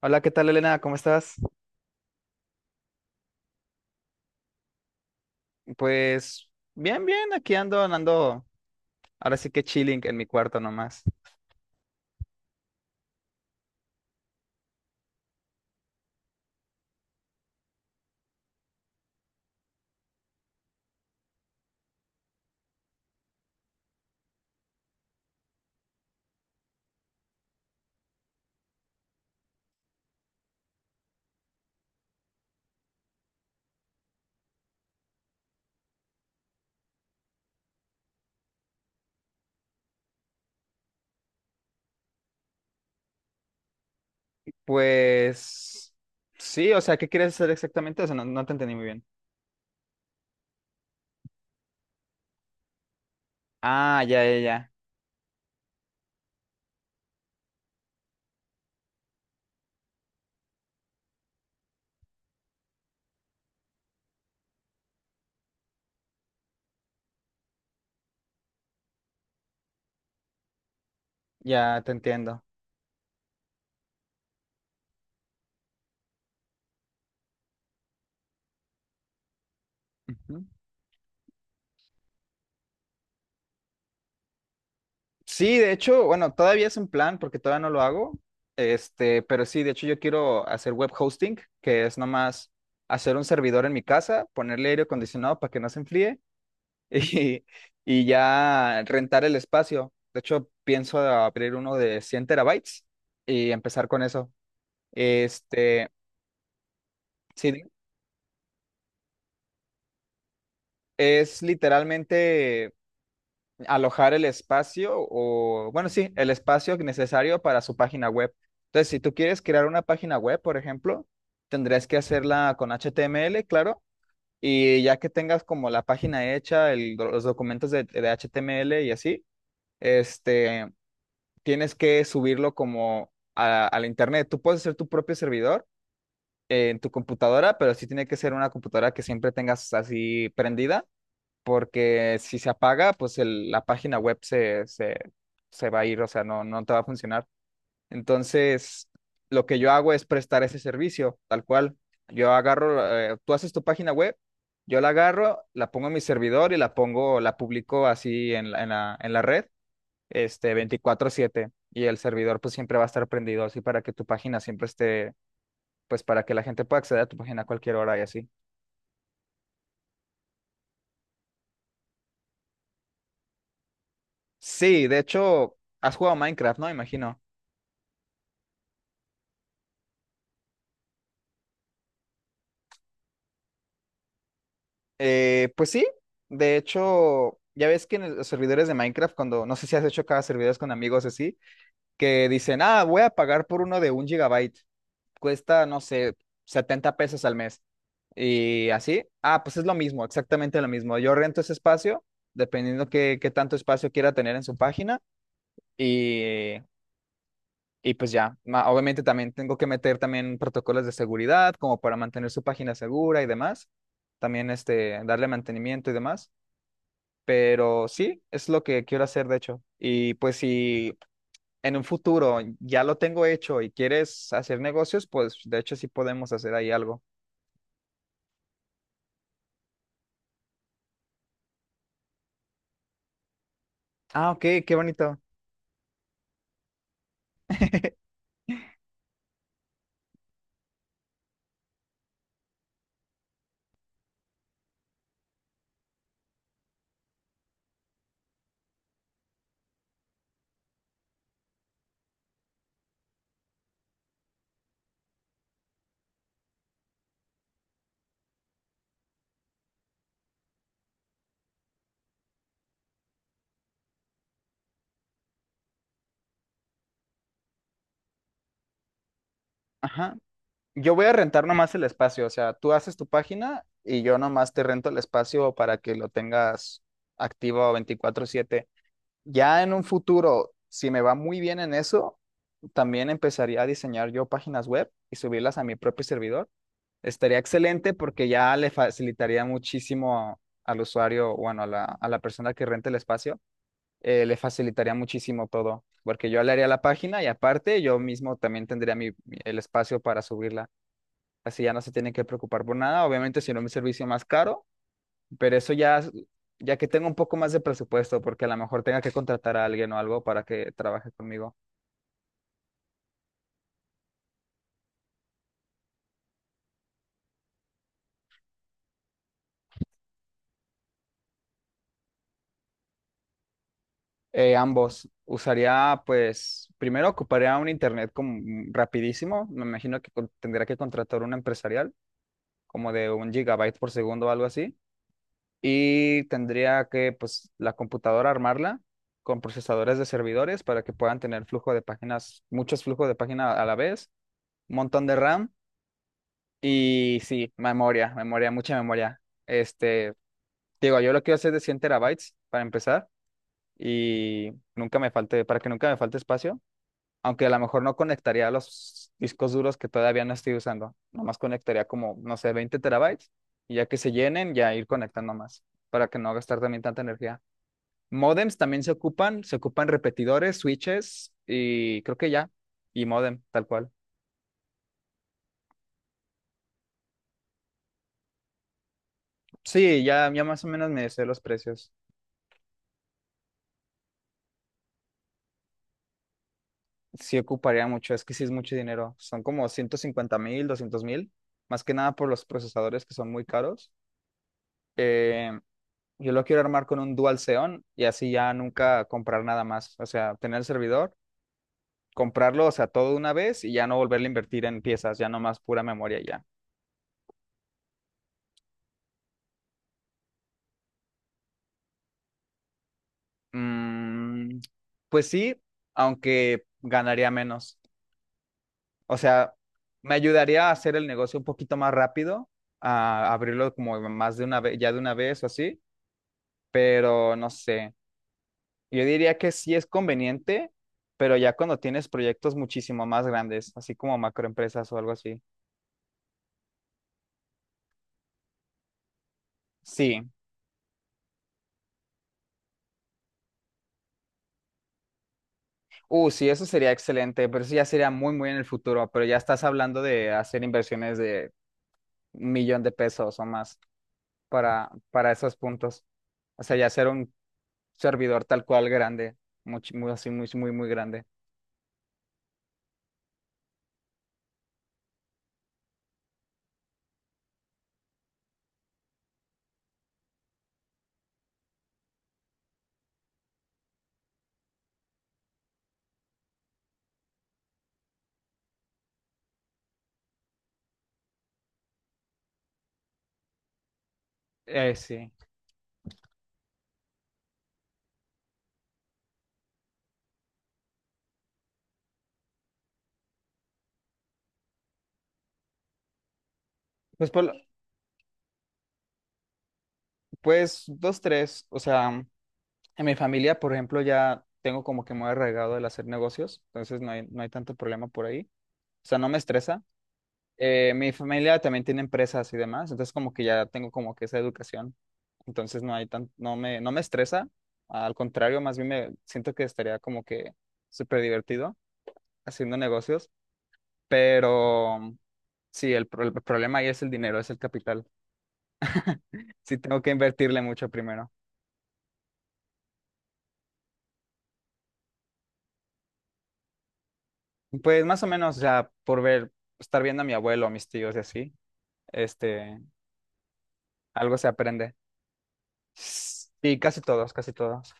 Hola, ¿qué tal, Elena? ¿Cómo estás? Pues bien, bien, aquí ando, ahora sí que chilling en mi cuarto nomás. Pues sí, o sea, ¿qué quieres hacer exactamente? O sea, no te entendí muy bien. Ah, ya, ya te entiendo. Ujú. Sí, de hecho, bueno, todavía es un plan porque todavía no lo hago, pero sí, de hecho yo quiero hacer web hosting, que es nomás hacer un servidor en mi casa, ponerle aire acondicionado para que no se enfríe y, y ya rentar el espacio. De hecho, pienso abrir uno de 100 terabytes y empezar con eso. Este, sí, es literalmente alojar el espacio o, bueno, sí, el espacio necesario para su página web. Entonces, si tú quieres crear una página web, por ejemplo, tendrás que hacerla con HTML, claro. Y ya que tengas como la página hecha, el- los documentos de HTML y así, este, tienes que subirlo como a la internet. Tú puedes hacer tu propio servidor en tu computadora, pero sí tiene que ser una computadora que siempre tengas así prendida, porque si se apaga, pues el- la página web se va a ir, o sea, no te va a funcionar. Entonces, lo que yo hago es prestar ese servicio, tal cual. Yo agarro, tú haces tu página web, yo la agarro, la pongo en mi servidor y la pongo, la publico así en la red, 24/7, y el servidor pues siempre va a estar prendido así para que tu página siempre esté, pues para que la gente pueda acceder a tu página a cualquier hora y así. Sí, de hecho, ¿has jugado Minecraft, no? Imagino. Pues sí, de hecho, ya ves que en el- los servidores de Minecraft, cuando, no sé si has hecho cada servidores con amigos así, que dicen, ah, voy a pagar por uno de un gigabyte. Cuesta, no sé, $70 al mes. Y así, ah, pues es lo mismo, exactamente lo mismo. Yo rento ese espacio, dependiendo qué tanto espacio quiera tener en su página y, y pues ya, Ma- obviamente también tengo que meter también protocolos de seguridad como para mantener su página segura y demás, también darle mantenimiento y demás, pero sí, es lo que quiero hacer de hecho. Y pues si en un futuro ya lo tengo hecho y quieres hacer negocios, pues de hecho sí podemos hacer ahí algo. Ah, ok, qué bonito. Ajá. Yo voy a rentar nomás el espacio, o sea, tú haces tu página y yo nomás te rento el espacio para que lo tengas activo 24/7. Ya en un futuro, si me va muy bien en eso, también empezaría a diseñar yo páginas web y subirlas a mi propio servidor. Estaría excelente porque ya le facilitaría muchísimo al usuario, bueno, a la persona que renta el espacio, le facilitaría muchísimo todo, porque yo le haría la página y aparte yo mismo también tendría el espacio para subirla. Así ya no se tiene que preocupar por nada, obviamente si no mi servicio más caro, pero eso ya, es- ya que tengo un poco más de presupuesto, porque a lo mejor tenga que contratar a alguien o algo para que trabaje conmigo. Ambos. Usaría, pues, primero ocuparía un internet como rapidísimo. Me imagino que con- tendría que contratar un empresarial, como de un gigabyte por segundo o algo así, y tendría que, pues, la computadora armarla con procesadores de servidores para que puedan tener flujo de páginas, muchos flujos de página a la vez, un montón de RAM y sí, memoria, mucha memoria. Este, digo, yo lo quiero hacer de 100 terabytes para empezar y nunca me falte, para que nunca me falte espacio, aunque a lo mejor no conectaría los discos duros que todavía no estoy usando, nomás conectaría como, no sé, 20 terabytes, y ya que se llenen, ya ir conectando más para que no gastar también tanta energía. Modems también se ocupan repetidores, switches y creo que ya, y modem, tal cual. Sí, ya más o menos me sé los precios. Sí ocuparía mucho, es que sí es mucho dinero. Son como 150 mil, 200 mil, más que nada por los procesadores que son muy caros. Eh, yo lo quiero armar con un Dual Xeon y así ya nunca comprar nada más. O sea, tener el servidor, comprarlo, o sea, todo de una vez y ya no volverle a invertir en piezas, ya nomás pura memoria y ya. Mm, pues sí, aunque ganaría menos. O sea, me ayudaría a hacer el negocio un poquito más rápido, a abrirlo como más de una vez, ya de una vez o así, pero no sé. Yo diría que sí es conveniente, pero ya cuando tienes proyectos muchísimo más grandes, así como macroempresas o algo así. Sí. Sí, eso sería excelente, pero eso ya sería muy, muy en el futuro, pero ya estás hablando de hacer inversiones de $1,000,000 o más, para esos puntos. O sea, ya ser un servidor tal cual grande, much- muy, así, muy, muy, muy grande. Sí. Pues, por lo- pues, dos, tres. O sea, en mi familia, por ejemplo, ya tengo como que muy arraigado el hacer negocios, entonces no hay tanto problema por ahí. O sea, no me estresa. Mi familia también tiene empresas y demás, entonces como que ya tengo como que esa educación, entonces no hay tan, no me estresa, al contrario, más bien me siento que estaría como que súper divertido haciendo negocios. Pero sí, pro- el problema ahí es el dinero, es el capital. Sí, tengo que invertirle mucho primero. Pues más o menos, o sea, por ver, estar viendo a mi abuelo, a mis tíos y así, este, algo se aprende. Sí, casi todos.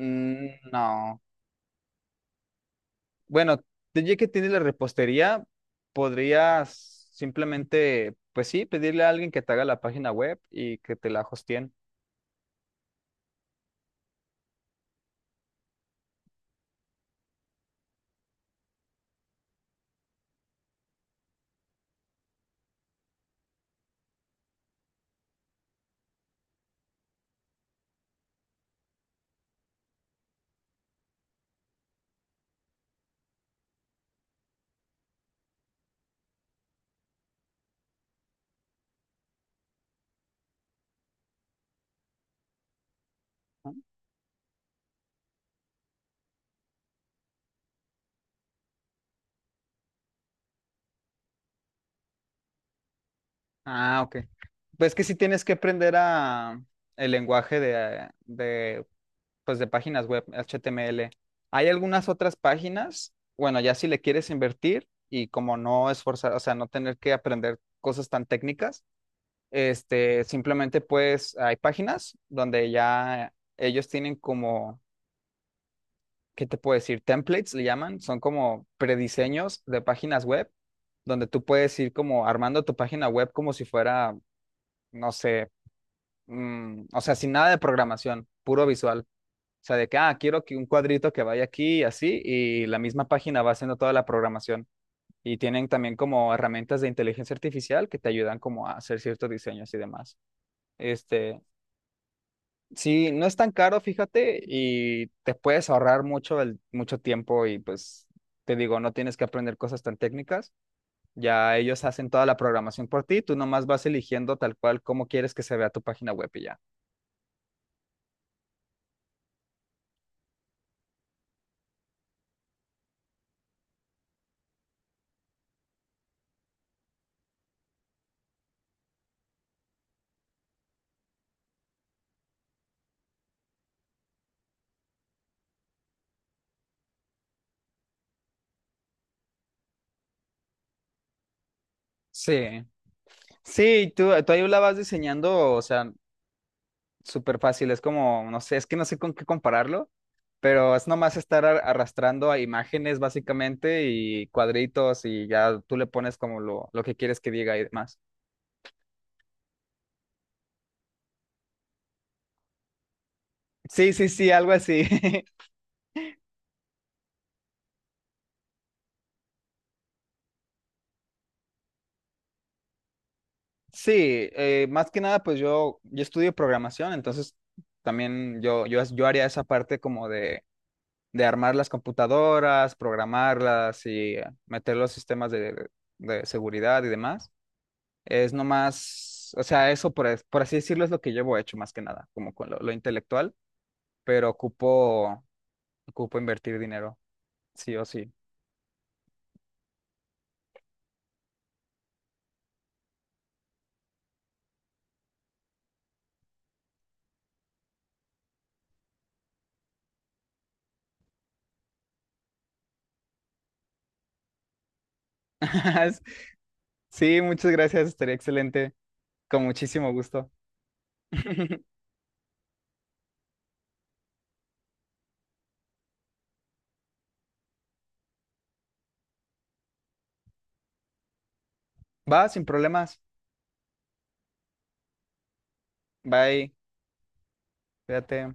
Mm, no. Bueno, ya que tienes la repostería, podrías simplemente, pues sí, pedirle a alguien que te haga la página web y que te la hosteen. Ah, ok. Pues que sí tienes que aprender a el lenguaje de pues de páginas web, HTML. Hay algunas otras páginas, bueno, ya si le quieres invertir y como no esforzar, o sea, no tener que aprender cosas tan técnicas, simplemente pues hay páginas donde ya ellos tienen como, ¿qué te puedo decir? Templates le llaman, son como prediseños de páginas web, donde tú puedes ir como armando tu página web como si fuera, no sé, o sea, sin nada de programación, puro visual. O sea, de que, ah, quiero que un cuadrito que vaya aquí y así, y la misma página va haciendo toda la programación. Y tienen también como herramientas de inteligencia artificial que te ayudan como a hacer ciertos diseños y demás. Este, sí, no es tan caro, fíjate, y te puedes ahorrar mucho, mucho tiempo y pues, te digo, no tienes que aprender cosas tan técnicas. Ya ellos hacen toda la programación por ti, tú nomás vas eligiendo tal cual cómo quieres que se vea tu página web y ya. Sí, sí, tú ahí la vas diseñando, o sea, súper fácil. Es como, no sé, es que no sé con qué compararlo, pero es nomás estar ar- arrastrando a imágenes básicamente y cuadritos y ya tú le pones como lo que quieres que diga y demás. Sí, sí, sí, algo así. Sí, más que nada, pues yo estudio programación, entonces también yo haría esa parte como de armar las computadoras, programarlas y meter los sistemas de seguridad y demás. Es nomás, o sea, eso por, es por así decirlo es lo que llevo hecho más que nada, como con lo intelectual, pero ocupo invertir dinero, sí o sí. Sí, muchas gracias, estaría excelente, con muchísimo gusto. Va, sin problemas. Bye, cuídate.